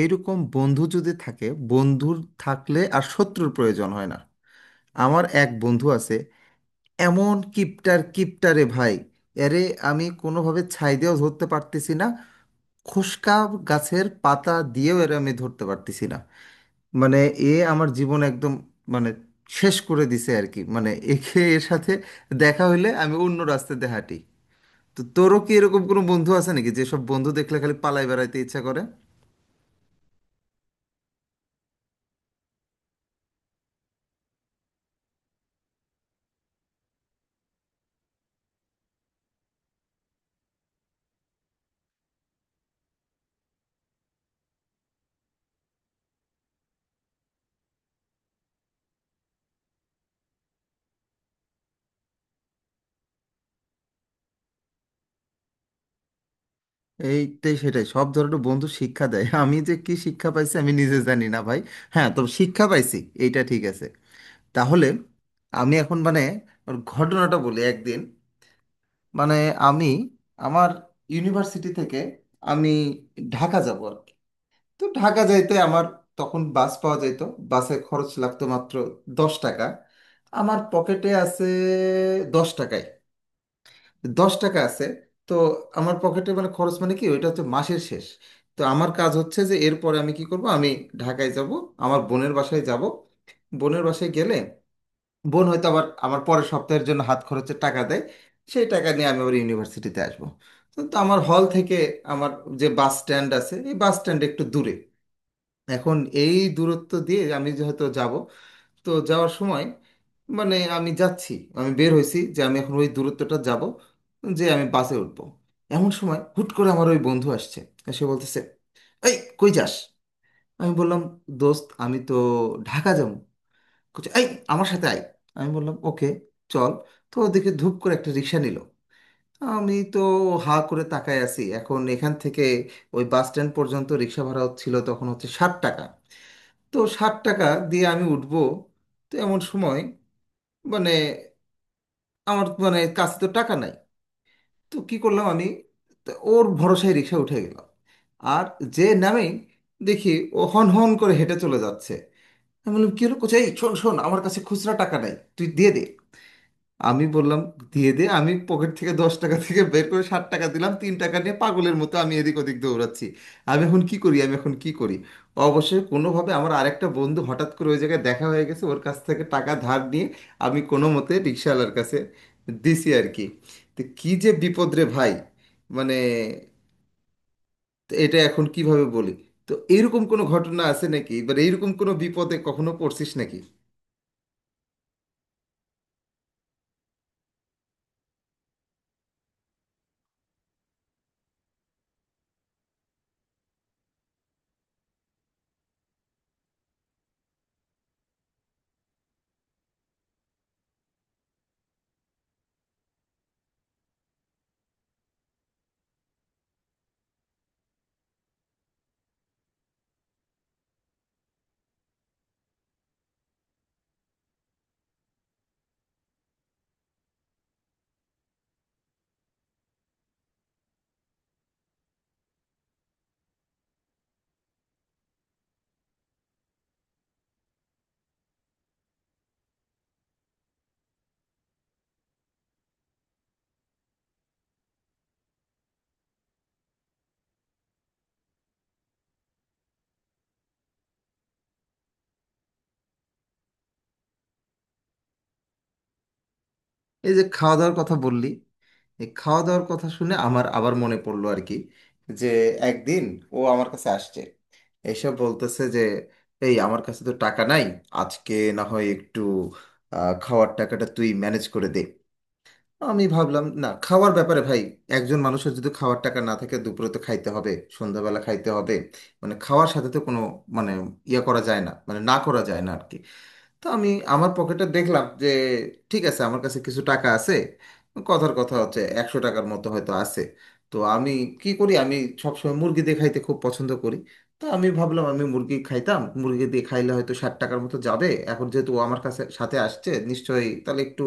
এইরকম বন্ধু যদি থাকে, বন্ধুর থাকলে আর শত্রুর প্রয়োজন হয় না। আমার এক বন্ধু আছে, এমন কিপটার কিপটারে ভাই, এরে আমি কোনোভাবে ছাই দিয়েও ধরতে পারতেছি না, খোসকা গাছের পাতা দিয়েও এর আমি ধরতে পারতেছি না। মানে, এ আমার জীবন একদম, মানে, শেষ করে দিছে আর কি। মানে একে, এর সাথে দেখা হইলে আমি অন্য রাস্তাতে হাঁটি। তো তোরও কি এরকম কোনো বন্ধু আছে নাকি, যেসব বন্ধু দেখলে খালি পালাই বেড়াইতে ইচ্ছা করে? এইটাই সেটাই, সব ধরনের বন্ধু শিক্ষা দেয়। আমি যে কি শিক্ষা পাইছি আমি নিজে জানি না ভাই। হ্যাঁ, তবে শিক্ষা পাইছি, এইটা ঠিক আছে। তাহলে আমি এখন, মানে, ওর ঘটনাটা বলি। একদিন, মানে, আমি, আমার ইউনিভার্সিটি থেকে আমি ঢাকা যাব আর কি। তো ঢাকা যাইতে আমার তখন বাস পাওয়া যেত, বাসে খরচ লাগতো মাত্র 10 টাকা। আমার পকেটে আছে 10 টাকা, 10 টাকা আছে। তো আমার পকেটে মানে খরচ মানে কি, ওইটা হচ্ছে মাসের শেষ। তো আমার কাজ হচ্ছে যে, এরপরে আমি কি করব, আমি ঢাকায় যাব, আমার বোনের বাসায় যাব। বোনের বাসায় গেলে বোন হয়তো আবার আমার পরের সপ্তাহের জন্য হাত খরচের টাকা দেয়, সেই টাকা নিয়ে আমি আবার ইউনিভার্সিটিতে আসবো। তো তো আমার হল থেকে আমার যে বাস স্ট্যান্ড আছে, এই বাস স্ট্যান্ড একটু দূরে। এখন এই দূরত্ব দিয়ে আমি যে হয়তো যাব, তো যাওয়ার সময় মানে আমি যাচ্ছি, আমি বের হয়েছি যে আমি এখন ওই দূরত্বটা যাব, যে আমি বাসে উঠবো। এমন সময় হুট করে আমার ওই বন্ধু আসছে, আর সে বলতেছে, এই কই যাস? আমি বললাম, দোস্ত আমি তো ঢাকা যাবো। বলছে, এই আমার সাথে আয়। আমি বললাম, ওকে চল। তো ওদিকে ধুপ করে একটা রিক্সা নিল, আমি তো হা করে তাকায় আছি। এখন এখান থেকে ওই বাস স্ট্যান্ড পর্যন্ত রিক্সা ভাড়া ছিল তখন হচ্ছে 60 টাকা। তো 60 টাকা দিয়ে আমি উঠবো। তো এমন সময়, মানে, আমার মানে কাছে তো টাকা নাই। তো কি করলাম আমি, তো ওর ভরসায় রিক্সা উঠে গেলাম। আর যে নামে, দেখি ও হন হন করে হেঁটে চলে যাচ্ছে। আমি বললাম, কি হলো, কোথায়, শোন শোন, আমার কাছে খুচরা টাকা নাই, তুই দিয়ে দে। আমি বললাম, দিয়ে দে। আমি পকেট থেকে 10 টাকা থেকে বের করে 60 টাকা দিলাম, 3 টাকা নিয়ে পাগলের মতো আমি এদিক ওদিক দৌড়াচ্ছি। আমি এখন কি করি, আমি এখন কি করি। অবশ্যই কোনোভাবে আমার আরেকটা বন্ধু হঠাৎ করে ওই জায়গায় দেখা হয়ে গেছে, ওর কাছ থেকে টাকা ধার নিয়ে আমি কোনো মতে রিক্সাওয়ালার কাছে দিছি আর কি। তো কী যে বিপদ রে ভাই, মানে। তো এটা এখন কিভাবে বলি, তো এইরকম কোনো ঘটনা আছে নাকি, এবার এইরকম কোনো বিপদে কখনো পড়ছিস নাকি? এই যে খাওয়া দাওয়ার কথা বললি, এই খাওয়া দাওয়ার কথা শুনে আমার আবার মনে পড়লো আর কি, যে একদিন ও আমার কাছে আসছে, এইসব বলতেছে যে, এই আমার কাছে তো টাকা নাই আজকে, না হয় একটু, খাওয়ার টাকাটা তুই ম্যানেজ করে দে। আমি ভাবলাম, না, খাওয়ার ব্যাপারে ভাই, একজন মানুষের যদি খাওয়ার টাকা না থাকে, দুপুরে তো খাইতে হবে, সন্ধ্যাবেলা খাইতে হবে, মানে খাওয়ার সাথে তো কোনো মানে ইয়ে করা যায় না, মানে না করা যায় না আর কি। তো আমি আমার পকেটে দেখলাম যে, ঠিক আছে, আমার কাছে কিছু টাকা আছে। কথার কথা হচ্ছে, 100 টাকার মতো হয়তো আছে। তো আমি কি করি, আমি সবসময় মুরগি দিয়ে খাইতে খুব পছন্দ করি। তো আমি ভাবলাম আমি মুরগি খাইতাম, মুরগি দিয়ে খাইলে হয়তো 60 টাকার মতো যাবে। এখন যেহেতু ও আমার কাছে সাথে আসছে, নিশ্চয়ই তাহলে একটু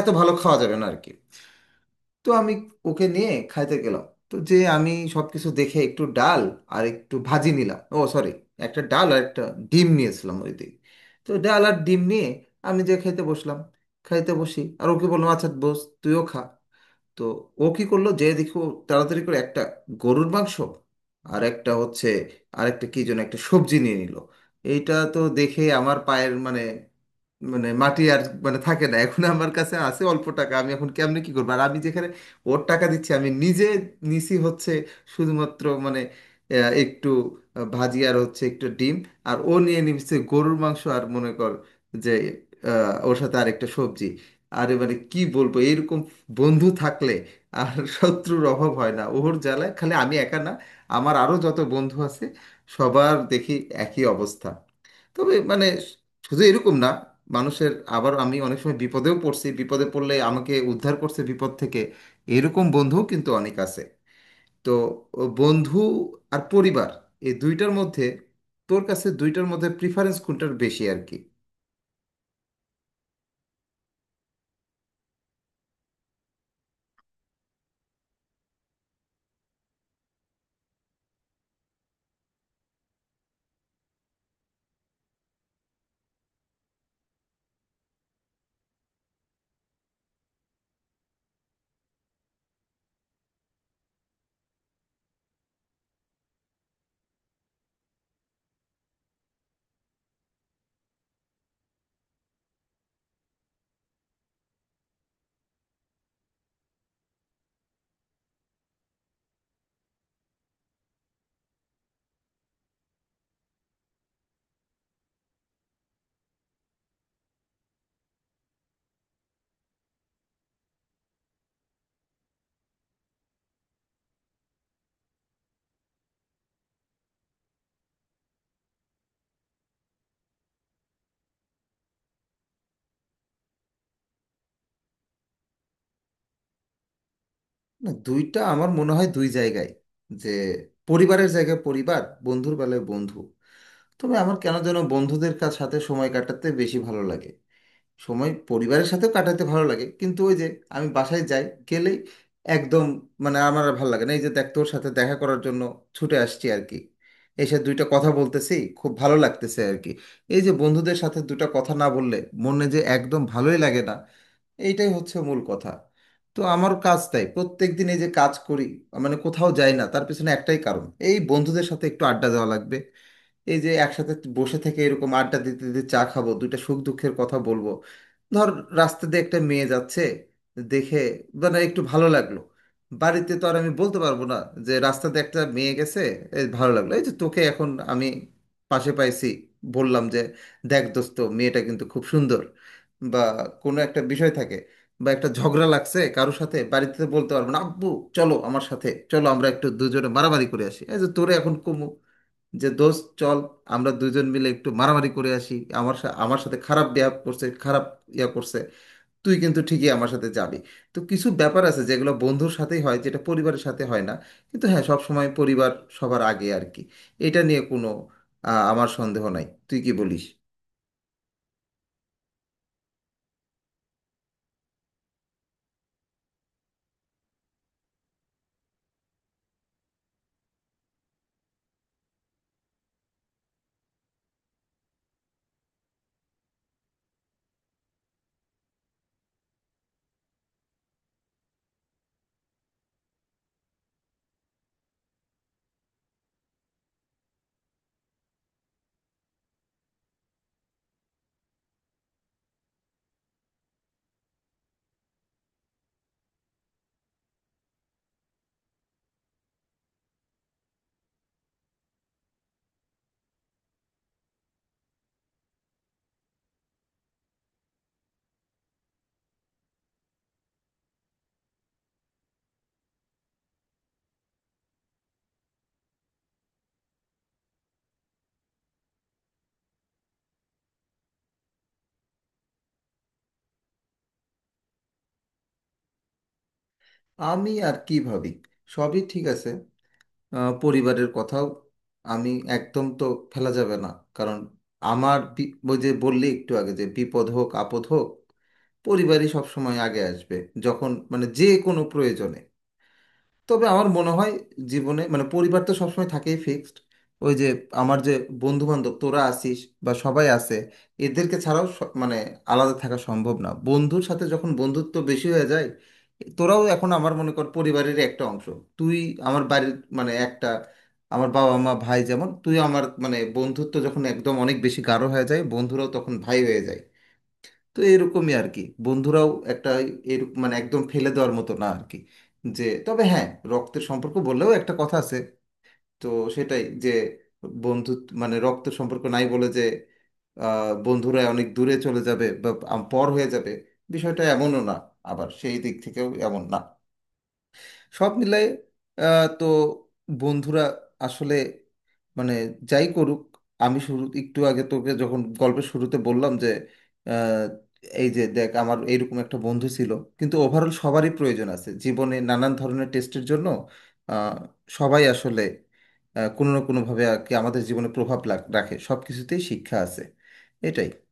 এত ভালো খাওয়া যাবে না আর কি। তো আমি ওকে নিয়ে খাইতে গেলাম। তো যে আমি সব কিছু দেখে একটু ডাল আর একটু ভাজি নিলাম, ও সরি, একটা ডাল আর একটা ডিম নিয়েছিলাম ওই দিকে। তো ডাল আর ডিম নিয়ে আমি যে খাইতে বসলাম, খাইতে বসি আর ওকে বললাম, আচ্ছা বস, তুইও খা। তো ও কি করলো যে দেখো, তাড়াতাড়ি করে একটা গরুর মাংস আর একটা হচ্ছে, আরেকটা কি যেন একটা সবজি নিয়ে নিল। এইটা তো দেখে আমার পায়ের মানে, মানে মাটি আর মানে থাকে না। এখন আমার কাছে আছে অল্প টাকা, আমি এখন কেমনে কি করবো, আর আমি যেখানে ওর টাকা দিচ্ছি, আমি নিজে নিছি হচ্ছে শুধুমাত্র মানে একটু ভাজি আর হচ্ছে একটু ডিম, আর ও নিয়ে নিচ্ছে গরুর মাংস আর মনে কর যে, ওর সাথে আরেকটা সবজি। আরে মানে কি বলবো, এরকম বন্ধু থাকলে আর শত্রুর অভাব হয় না। ওর জ্বালায় খালি আমি একা না, আমার আরও যত বন্ধু আছে সবার দেখি একই অবস্থা। তবে মানে শুধু এরকম না মানুষের, আবার আমি অনেক সময় বিপদেও পড়ছি, বিপদে পড়লে আমাকে উদ্ধার করছে বিপদ থেকে, এরকম বন্ধুও কিন্তু অনেক আছে। তো ও বন্ধু আর পরিবার, এই দুইটার মধ্যে তোর কাছে দুইটার মধ্যে প্রিফারেন্স কোনটার বেশি আর কি? না, দুইটা আমার মনে হয় দুই জায়গায়, যে পরিবারের জায়গায় পরিবার, বন্ধুর বেলায় বন্ধু। তবে আমার কেন যেন বন্ধুদের কাছ সাথে সময় কাটাতে বেশি ভালো লাগে। সময় পরিবারের সাথেও কাটাতে ভালো লাগে, কিন্তু ওই যে আমি বাসায় যাই, গেলেই একদম, মানে, আমার আর ভালো লাগে না। এই যে দেখ তোর সাথে দেখা করার জন্য ছুটে আসছি আর কি, এসে দুইটা কথা বলতেছি, খুব ভালো লাগতেছে আর কি। এই যে বন্ধুদের সাথে দুটো কথা না বললে মনে যে একদম ভালোই লাগে না, এইটাই হচ্ছে মূল কথা। তো আমার কাজ তাই প্রত্যেকদিন এই যে কাজ করি, মানে কোথাও যাই না, তার পিছনে একটাই কারণ, এই বন্ধুদের সাথে একটু আড্ডা দেওয়া লাগবে। এই যে একসাথে বসে থেকে এরকম আড্ডা দিতে দিতে চা খাবো, দুইটা সুখ দুঃখের কথা বলবো। ধর, রাস্তা দিয়ে একটা মেয়ে যাচ্ছে, দেখে মানে একটু ভালো লাগলো। বাড়িতে তো আর আমি বলতে পারবো না যে রাস্তাতে একটা মেয়ে গেছে, এই ভালো লাগলো। এই যে তোকে এখন আমি পাশে পাইছি, বললাম যে, দেখ দোস্ত, মেয়েটা কিন্তু খুব সুন্দর। বা কোনো একটা বিষয় থাকে, বা একটা ঝগড়া লাগছে কারোর সাথে, বাড়িতে তো বলতে পারবো না আব্বু চলো আমার সাথে, চলো আমরা একটু দুজনে মারামারি করে আসি। এই যে তোরে এখন কমু যে, দোস্ত চল, আমরা দুজন মিলে একটু মারামারি করে আসি, আমার সাথে খারাপ ব্যবহার করছে, খারাপ ইয়া করছে, তুই কিন্তু ঠিকই আমার সাথে যাবি। তো কিছু ব্যাপার আছে যেগুলো বন্ধুর সাথেই হয়, যেটা পরিবারের সাথে হয় না। কিন্তু হ্যাঁ, সব সময় পরিবার সবার আগে আর কি, এটা নিয়ে কোনো আমার সন্দেহ নাই। তুই কি বলিস? আমি আর কি ভাবি, সবই ঠিক আছে। পরিবারের কথাও আমি একদম তো ফেলা যাবে না, কারণ ওই যে বললি একটু আগে, যে বিপদ হোক আপদ হোক পরিবারই সব সময় আগে আসবে, যখন মানে যে কোনো প্রয়োজনে। তবে আমার মনে হয় জীবনে মানে পরিবার তো সবসময় থাকেই ফিক্সড, ওই যে আমার যে বন্ধু বান্ধব তোরা আসিস বা সবাই আছে, এদেরকে ছাড়াও মানে আলাদা থাকা সম্ভব না। বন্ধুর সাথে যখন বন্ধুত্ব বেশি হয়ে যায়, তোরাও এখন আমার মনে কর পরিবারের একটা অংশ। তুই আমার বাড়ির মানে একটা, আমার বাবা মা ভাই যেমন, তুই আমার মানে বন্ধুত্ব যখন একদম অনেক বেশি গাঢ় হয়ে যায়, বন্ধুরাও তখন ভাই হয়ে যায়। তো এরকমই আর কি, বন্ধুরাও একটা এরকম মানে একদম ফেলে দেওয়ার মতো না আর কি। যে তবে হ্যাঁ, রক্তের সম্পর্ক বললেও একটা কথা আছে। তো সেটাই, যে বন্ধু মানে রক্তের সম্পর্ক নাই বলে যে, বন্ধুরা অনেক দূরে চলে যাবে বা পর হয়ে যাবে, বিষয়টা এমনও না, আবার সেই দিক থেকেও এমন না। সব মিলাই, তো বন্ধুরা আসলে, মানে, যাই করুক, আমি শুরু একটু আগে তোকে যখন গল্পের শুরুতে বললাম যে আহ, এই যে দেখ, আমার এইরকম একটা বন্ধু ছিল, কিন্তু ওভারঅল সবারই প্রয়োজন আছে জীবনে নানান ধরনের টেস্টের জন্য। আহ, সবাই আসলে কোনো না কোনোভাবে আর কি আমাদের জীবনে রাখে, সব কিছুতেই শিক্ষা আছে, এটাই।